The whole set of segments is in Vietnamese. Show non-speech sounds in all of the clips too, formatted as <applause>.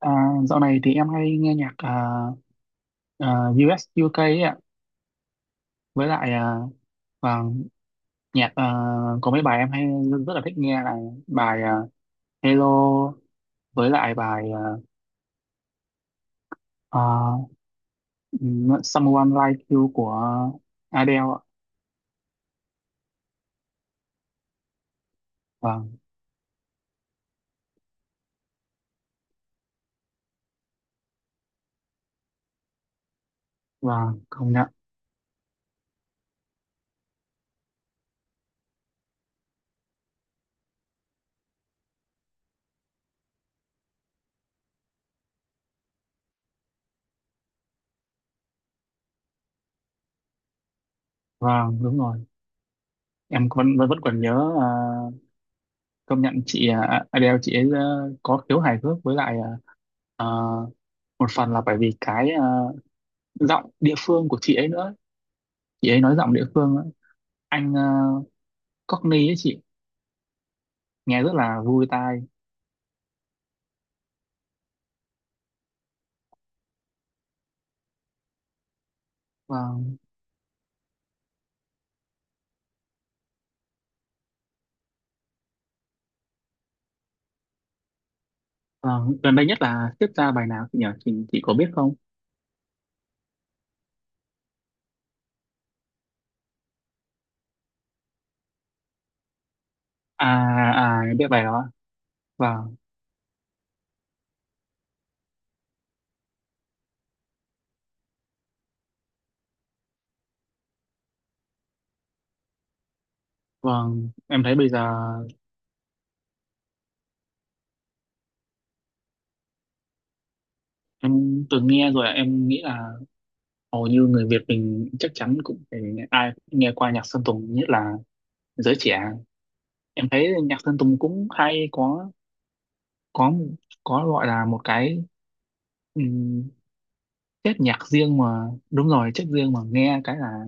À, dạo này thì em hay nghe nhạc, à, US UK ấy ạ, với lại, và nhạc, có mấy bài em hay rất, rất là thích nghe là bài, Hello, với lại bài, à, Someone Like You của Adele ạ. Vâng, vâng, công nhận. Vâng, đúng rồi, em vẫn vẫn, vẫn còn nhớ. Công nhận chị, Adele chị ấy, có khiếu hài hước, với lại, à, một phần là bởi vì cái, giọng địa phương của chị ấy nữa. Chị ấy nói giọng địa phương ấy. Anh, Cockney ấy chị, nghe rất là vui tai. Vâng, vâng, gần đây nhất là tiếp ra bài nào chị nhỉ, chị có biết không? À à em biết bài đó ạ. Vâng, vâng, em thấy bây giờ em từng nghe rồi ạ. Em nghĩ là hầu như người Việt mình chắc chắn cũng phải, ai cũng nghe qua nhạc Sơn Tùng, nhất là giới trẻ. Em thấy nhạc Sơn Tùng cũng hay, có có gọi là một cái, um, chất nhạc riêng mà, đúng rồi, chất riêng mà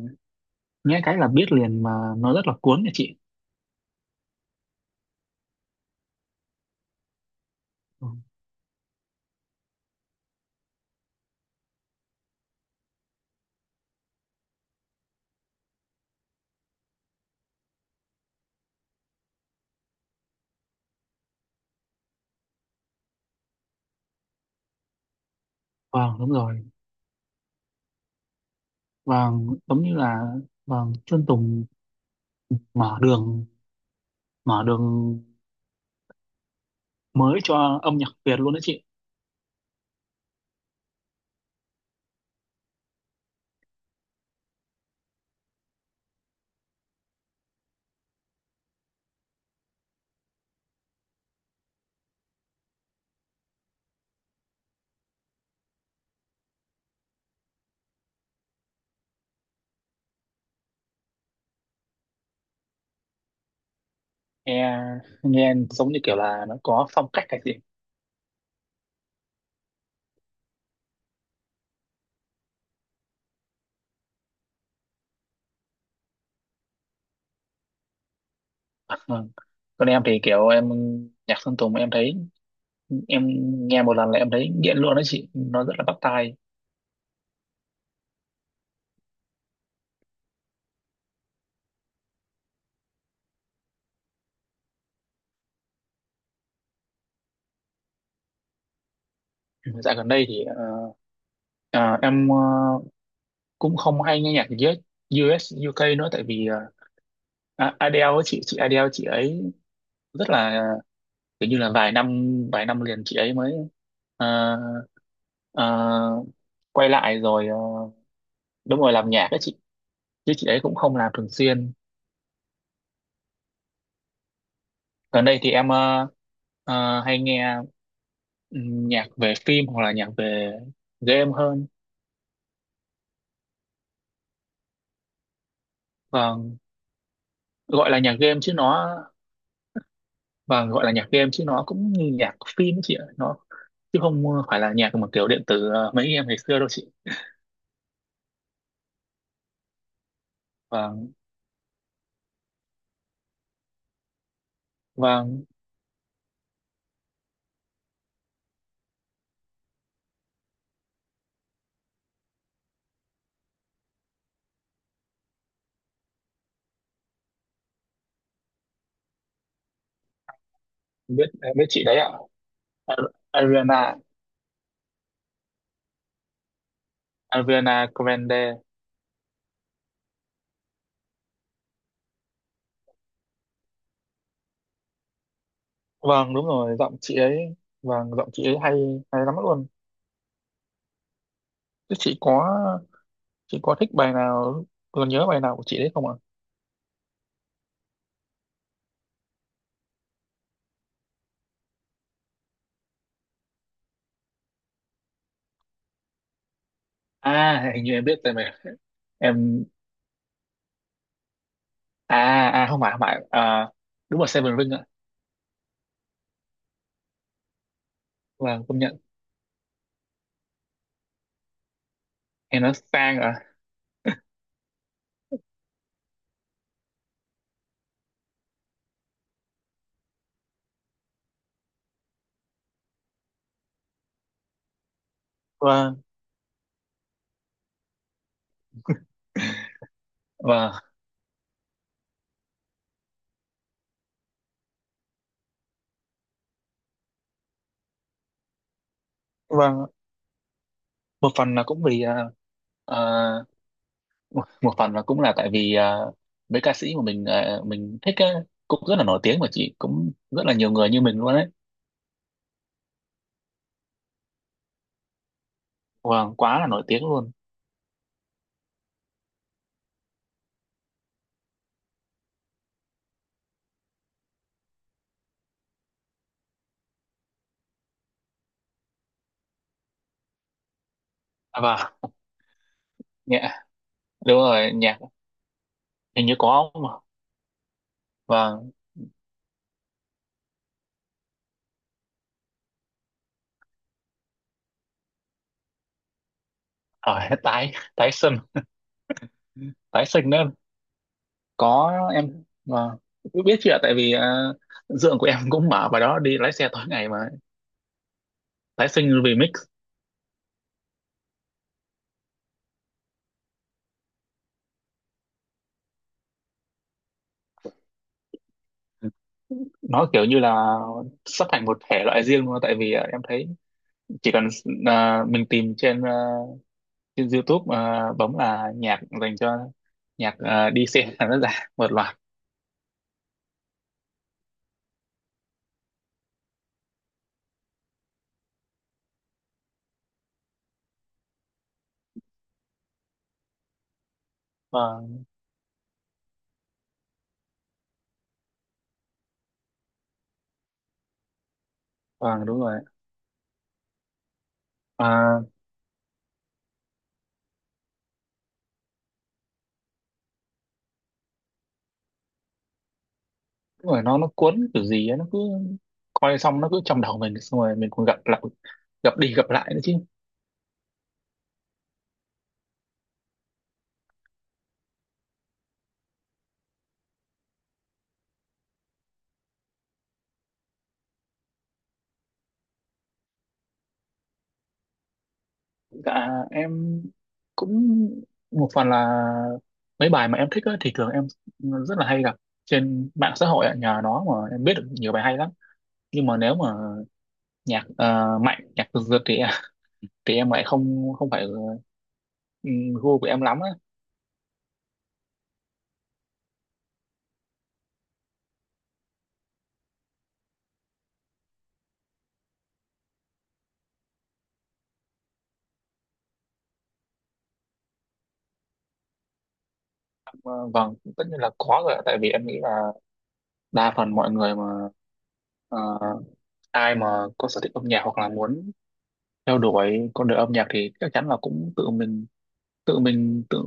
nghe cái là biết liền mà, nó rất là cuốn nha chị. Ừ, vâng, đúng rồi. Vâng, giống như là, vâng, Sơn Tùng mở đường mở đường mới cho âm nhạc Việt luôn đó chị. Nghe nghe giống như kiểu là nó có phong cách cái gì. Vâng. Còn em thì kiểu, em, nhạc Sơn Tùng em thấy, em nghe một lần là em thấy nghiện luôn đó chị, nó rất là bắt tai. Dạo gần đây thì ờ, em, cũng không hay nghe nhạc US UK nữa, tại vì, À, Adele ấy, chị Adele chị ấy rất là, kiểu như là, vài năm liền chị ấy mới ờ, ờ, quay lại rồi. Ờ, Đúng rồi, làm nhạc ấy chị. Chứ chị ấy cũng không làm thường xuyên. Gần đây thì em hay nghe, nhạc về phim hoặc là nhạc về game hơn. Vâng, gọi là nhạc game chứ nó gọi là nhạc game chứ nó cũng như nhạc phim ấy chị ạ, nó chứ không phải là nhạc mà kiểu điện tử, mấy em ngày xưa đâu chị. Và và em biết chị đấy ạ. Ar- Ariana Ariana Grande. Vâng, đúng rồi, giọng chị ấy. Vâng, giọng chị ấy hay hay lắm luôn. Chứ chị có, thích bài nào, còn nhớ bài nào của chị đấy không ạ? À, hình như em biết rồi mà. Em, à không phải, không phải, đúng là Seven Ring ạ. Vâng, công nhận. Em nói sang ạ. Vâng, vâng, vâng, một phần là cũng vì, ờ, một một phần là cũng là tại vì, mấy ca sĩ mà mình thích á, cũng rất là nổi tiếng mà chị, cũng rất là nhiều người như mình luôn đấy. Vâng, quá là nổi tiếng luôn. À, vâng, nhạc, đúng rồi, nhạc hình như có mà. Vâng, ở <laughs> tái tái sinh, tái sinh nữa. Có, em, vâng, biết chuyện, tại vì, dượng của em <laughs> cũng mở vào đó, đi lái xe tối ngày mà. Tái sinh remix. Nó kiểu như là sắp thành một thể loại riêng luôn, tại vì, em thấy chỉ cần, mình tìm trên, trên YouTube, bấm là nhạc dành cho, nhạc, đi xe <laughs> là nó ra một loạt. Vâng, vâng, đúng rồi. à, Đúng rồi, nó cuốn kiểu gì ấy, nó cứ coi xong nó cứ trong đầu mình, xong rồi mình còn gặp lại, gặp đi gặp lại nữa chứ. Dạ, em cũng, một phần là mấy bài mà em thích á, thì thường em rất là hay gặp trên mạng xã hội ạ, nhờ nó mà em biết được nhiều bài hay lắm. Nhưng mà nếu mà nhạc, mạnh, nhạc giật giật thì em lại không không phải, ừ, gu của em lắm á. Ờ, vâng, tất nhiên là có rồi ạ. Tại vì em nghĩ là đa phần mọi người mà, ờ, ai mà có sở thích âm nhạc, hoặc là muốn theo đuổi con đường âm nhạc, thì chắc chắn là cũng tự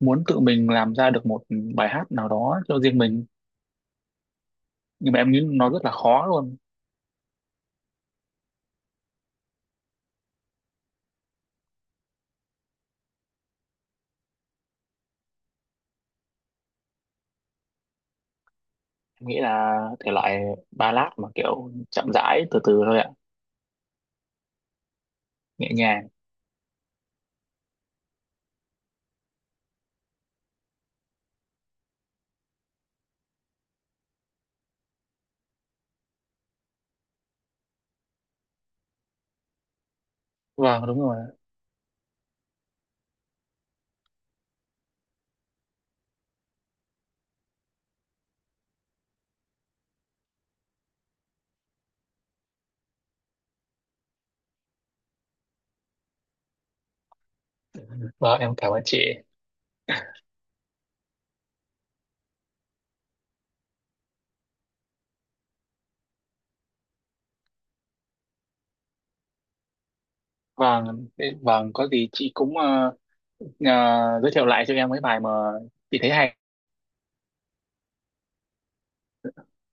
muốn tự mình làm ra được một bài hát nào đó cho riêng mình. Nhưng mà em nghĩ nó rất là khó luôn. Em nghĩ là thể loại ballad mà kiểu chậm rãi, từ từ thôi ạ. Nhẹ nhàng. Vâng, đúng rồi. Vâng, em cảm ơn chị. Vâng, vâng có gì chị cũng, Ờ, giới thiệu lại cho em mấy bài mà chị thấy hay.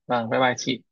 Vâng, bye bye chị.